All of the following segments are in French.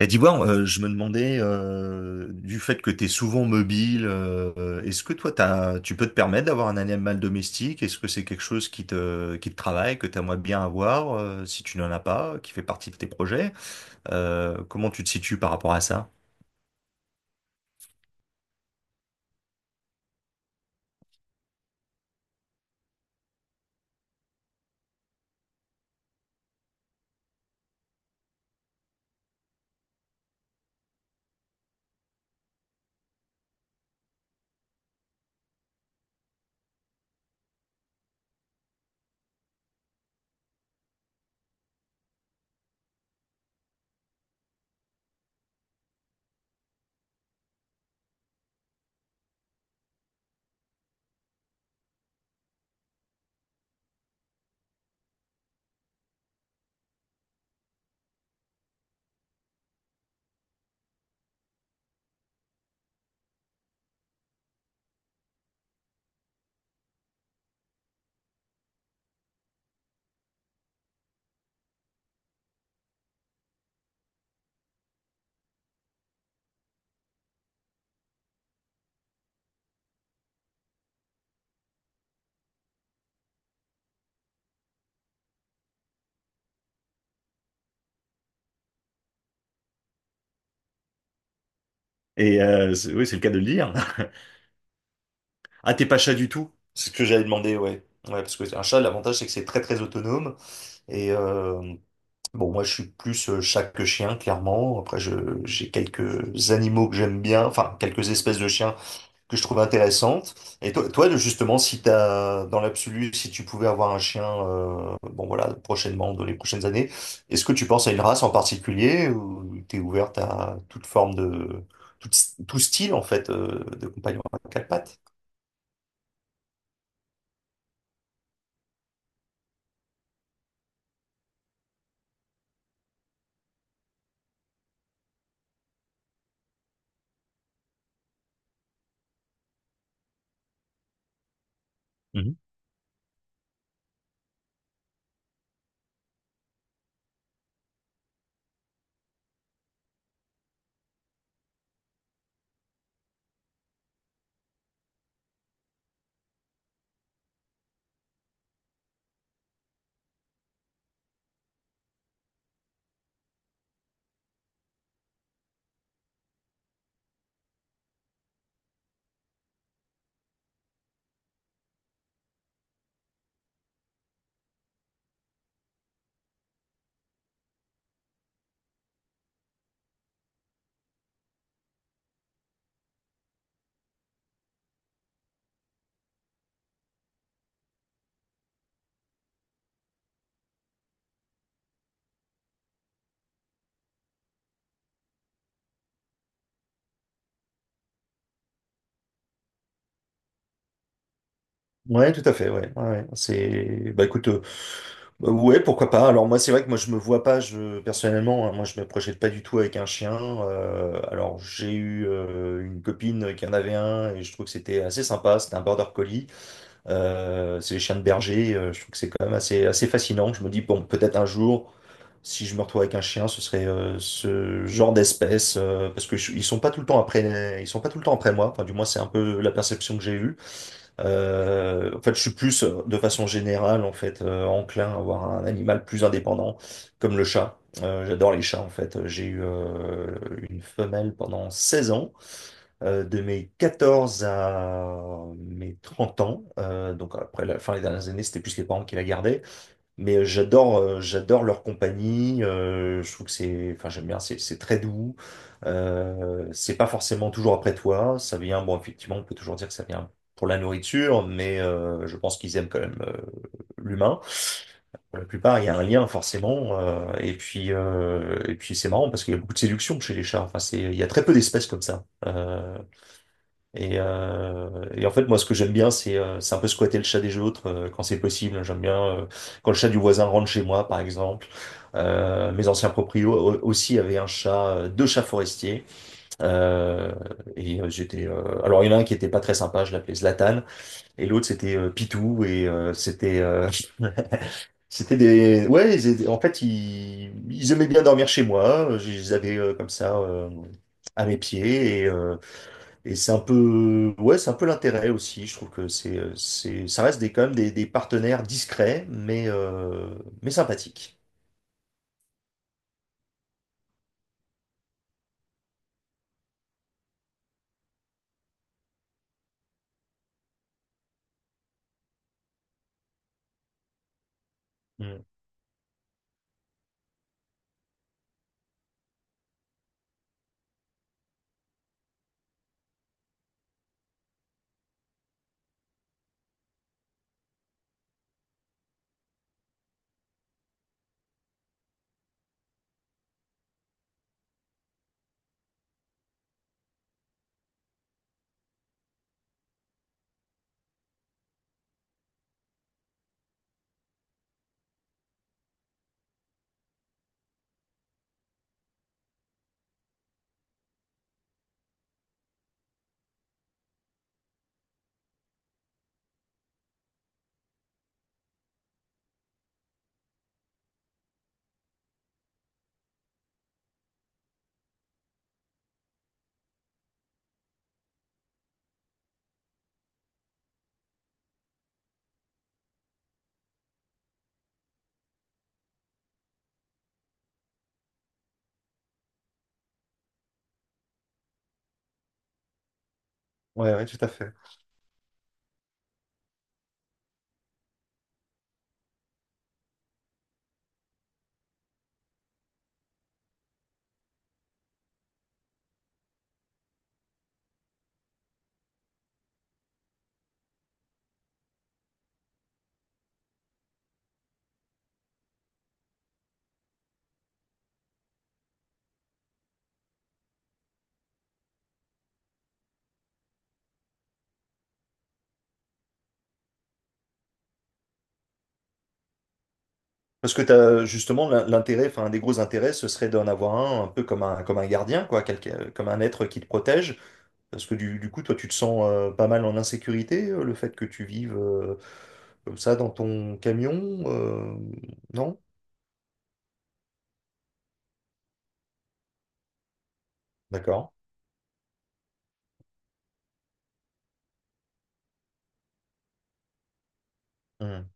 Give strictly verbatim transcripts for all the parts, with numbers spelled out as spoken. Et d'Ivoire, euh, je me demandais, euh, du fait que tu es souvent mobile, euh, est-ce que toi, t'as, tu peux te permettre d'avoir un animal domestique? Est-ce que c'est quelque chose qui te, qui te travaille, que tu aimerais bien avoir, euh, si tu n'en as pas, qui fait partie de tes projets? Euh, comment tu te situes par rapport à ça? Et euh, c'est- oui, c'est le cas de le dire. Ah, t'es pas chat du tout? C'est ce que j'avais demandé, ouais. Ouais, parce que un chat, l'avantage, c'est que c'est très très autonome. Et, Bon, moi, je suis plus euh, chat que chien, clairement. Après, je, j'ai quelques animaux que j'aime bien, enfin, quelques espèces de chiens que je trouve intéressantes. Et toi, toi, de- justement, si t'as, dans l'absolu, si tu pouvais avoir un chien, euh, bon, voilà, prochainement, dans les prochaines années, est-ce que tu penses à une race en particulier ou t'es ouverte à toute forme de, tout, tout style, en fait, euh, de compagnon à quatre pattes? Ouais, tout à fait, ouais. Ouais, ouais. C'est bah écoute euh, bah, ouais, pourquoi pas. Alors moi c'est vrai que moi je me vois pas je personnellement, hein, moi je me projette pas du tout avec un chien. Euh, alors j'ai eu euh, une copine qui en avait un et je trouve que c'était assez sympa, c'était un border collie. Euh, c'est les chiens de berger, euh, je trouve que c'est quand même assez assez fascinant. Je me dis bon, peut-être un jour si je me retrouve avec un chien, ce serait euh, ce genre d'espèce euh, parce que je- ils sont pas tout le temps après ils sont pas tout le temps après moi, enfin du moins c'est un peu la perception que j'ai eue. Euh, en fait, je suis plus, euh, de façon générale, en fait, euh, enclin à avoir un animal plus indépendant, comme le chat. Euh, j'adore les chats, en fait. J'ai eu euh, une femelle pendant seize ans, euh, de mes quatorze à mes trente ans. Euh, donc après la fin des dernières années, c'était plus les parents qui la gardaient. Mais euh, j'adore euh, j'adore leur compagnie. euh, je trouve que c'est, enfin j'aime bien, c'est c'est très doux. Euh, c'est pas forcément toujours après toi. Ça vient, bon effectivement, on peut toujours dire que ça vient pour la nourriture, mais euh, je pense qu'ils aiment quand même euh, l'humain. Pour la plupart, il y a un lien forcément. euh, et puis euh, et puis c'est marrant parce qu'il y a beaucoup de séduction chez les chats. Enfin c'est, il y a très peu d'espèces comme ça. Euh, et, euh, et en fait, moi, ce que j'aime bien, c'est euh, c'est un peu squatter le chat des autres euh, quand c'est possible. J'aime bien euh, quand le chat du voisin rentre chez moi, par exemple. Euh, mes anciens proprios au- aussi avaient un chat, euh, deux chats forestiers. Euh, et euh, j'étais. Euh, alors, il y en a un qui était pas très sympa, je l'appelais Zlatan, et l'autre c'était euh, Pitou, et euh, c'était euh, c'était des. Ouais, ils étaient- en fait, ils, ils aimaient bien dormir chez moi. Je les avais euh, comme ça euh, à mes pieds, et c'est un peu, ouais, c'est un peu l'intérêt aussi. Je trouve que c'est, euh, c'est, ça reste des, quand même des, des partenaires discrets, mais, euh, mais sympathiques. Mm. Ouais, ouais, tout à fait. Parce que t'as, justement, l'in- l'intérêt, enfin, un des gros intérêts, ce serait d'en avoir un, un peu comme un, comme un gardien, quoi, quelqu'un, euh, comme un être qui te protège. Parce que du, du coup, toi, tu te sens euh, pas mal en insécurité, euh, le fait que tu vives euh, comme ça dans ton camion, euh, non? D'accord. Mm.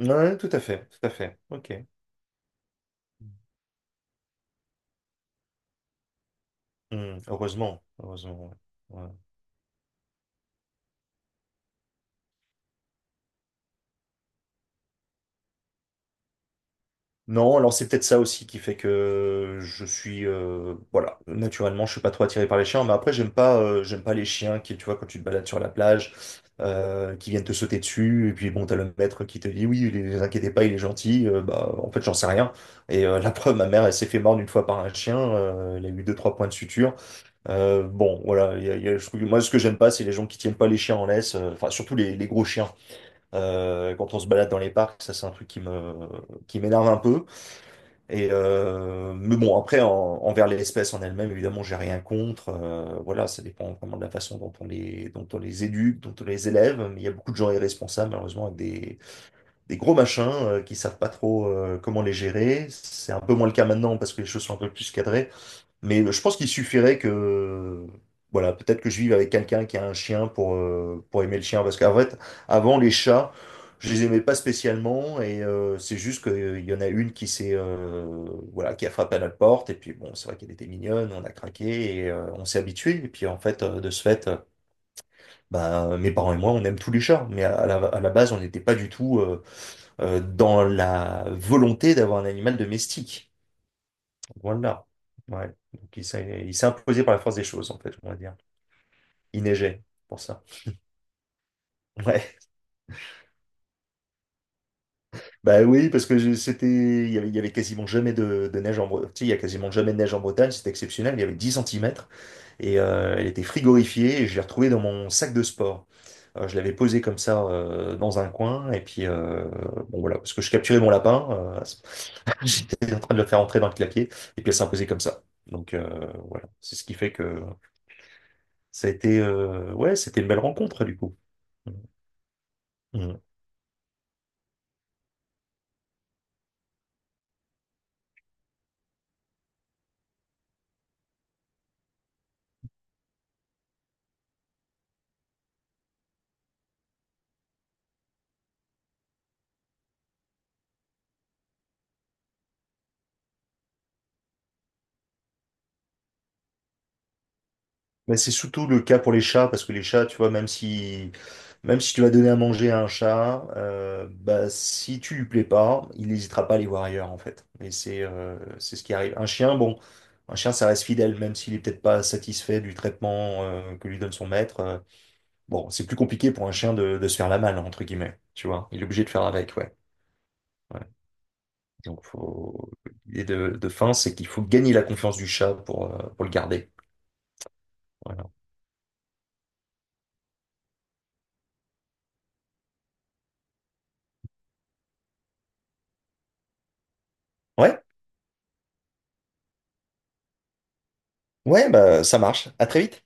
Ouais, tout à fait, tout à fait. Ok. Hmm, heureusement, heureusement. Ouais. Ouais. Non, alors c'est peut-être ça aussi qui fait que je suis, euh, voilà, naturellement, je suis pas trop attiré par les chiens, mais après j'aime pas, euh, j'aime pas les chiens qui, tu vois, quand tu te balades sur la plage, euh, qui viennent te sauter dessus, et puis bon, t'as le maître qui te dit oui, oui, les, les inquiétez pas, il est gentil. Euh, bah en fait j'en sais rien. Et euh, la preuve, ma mère, elle s'est fait mordre une fois par un chien, euh, elle a eu deux trois points de suture. Euh, bon, voilà, il y a- il y a- je trouve que moi ce que j'aime pas, c'est les gens qui tiennent pas les chiens en laisse, euh, enfin surtout les, les gros chiens. Euh, quand on se balade dans les parcs, ça c'est un truc qui me qui m'énerve un peu. Et euh, mais bon, après en- envers l'espèce en elle-même, évidemment, j'ai rien contre. Euh, voilà, ça dépend vraiment de la façon dont on les dont on les éduque, dont on les élève. Mais il y a beaucoup de gens irresponsables, malheureusement, avec des des gros machins euh, qui savent pas trop euh, comment les gérer. C'est un peu moins le cas maintenant parce que les choses sont un peu plus cadrées. Mais je pense qu'il suffirait que, voilà, peut-être que je vive avec quelqu'un qui a un chien pour, euh, pour aimer le chien. Parce qu'en fait, avant, les chats, je les aimais pas spécialement. Et euh, c'est juste qu'il y en a une qui s'est, euh, voilà, qui a frappé à notre porte. Et puis, bon, c'est vrai qu'elle était mignonne, on a craqué et euh, on s'est habitué. Et puis, en fait, euh, de ce fait, euh, bah, mes parents et moi, on aime tous les chats. Mais à, la, à la base, on n'était pas du tout euh, euh, dans la volonté d'avoir un animal domestique. Voilà. Ouais. Donc, il s'est il s'est imposé par la force des choses, en fait, on va dire. Il neigeait, pour ça. Ouais. Bah oui, parce que je- c'était, il y avait, il y avait quasiment jamais de, de neige en Bretagne. Il y a quasiment jamais de neige en Bretagne, c'était exceptionnel. Il y avait dix centimètres et euh, elle était frigorifiée et je l'ai retrouvée dans mon sac de sport. Euh, je l'avais posée comme ça euh, dans un coin et puis euh, bon voilà, parce que je capturais mon lapin, euh, à ce- j'étais en train de le faire entrer dans le clapier et puis elle s'est imposée comme ça. Donc euh, voilà, c'est ce qui fait que ça a été, euh, ouais, c'était une belle rencontre, du coup. Mm. Mais c'est surtout le cas pour les chats, parce que les chats, tu vois, même si, même si tu vas donner à manger à un chat, euh, bah, si tu lui plais pas, il n'hésitera pas à aller voir ailleurs, en fait. Et c'est euh, c'est ce qui arrive. Un chien, bon, un chien, ça reste fidèle, même s'il est peut-être pas satisfait du traitement euh, que lui donne son maître. Euh, bon, c'est plus compliqué pour un chien de, de se faire la malle, entre guillemets, tu vois. Il est obligé de faire avec, ouais. Ouais. Donc, faut... l'idée de, de fin, c'est qu'il faut gagner la confiance du chat pour, euh, pour le garder. Voilà. Ouais, ouais, bah, ça marche. À très vite.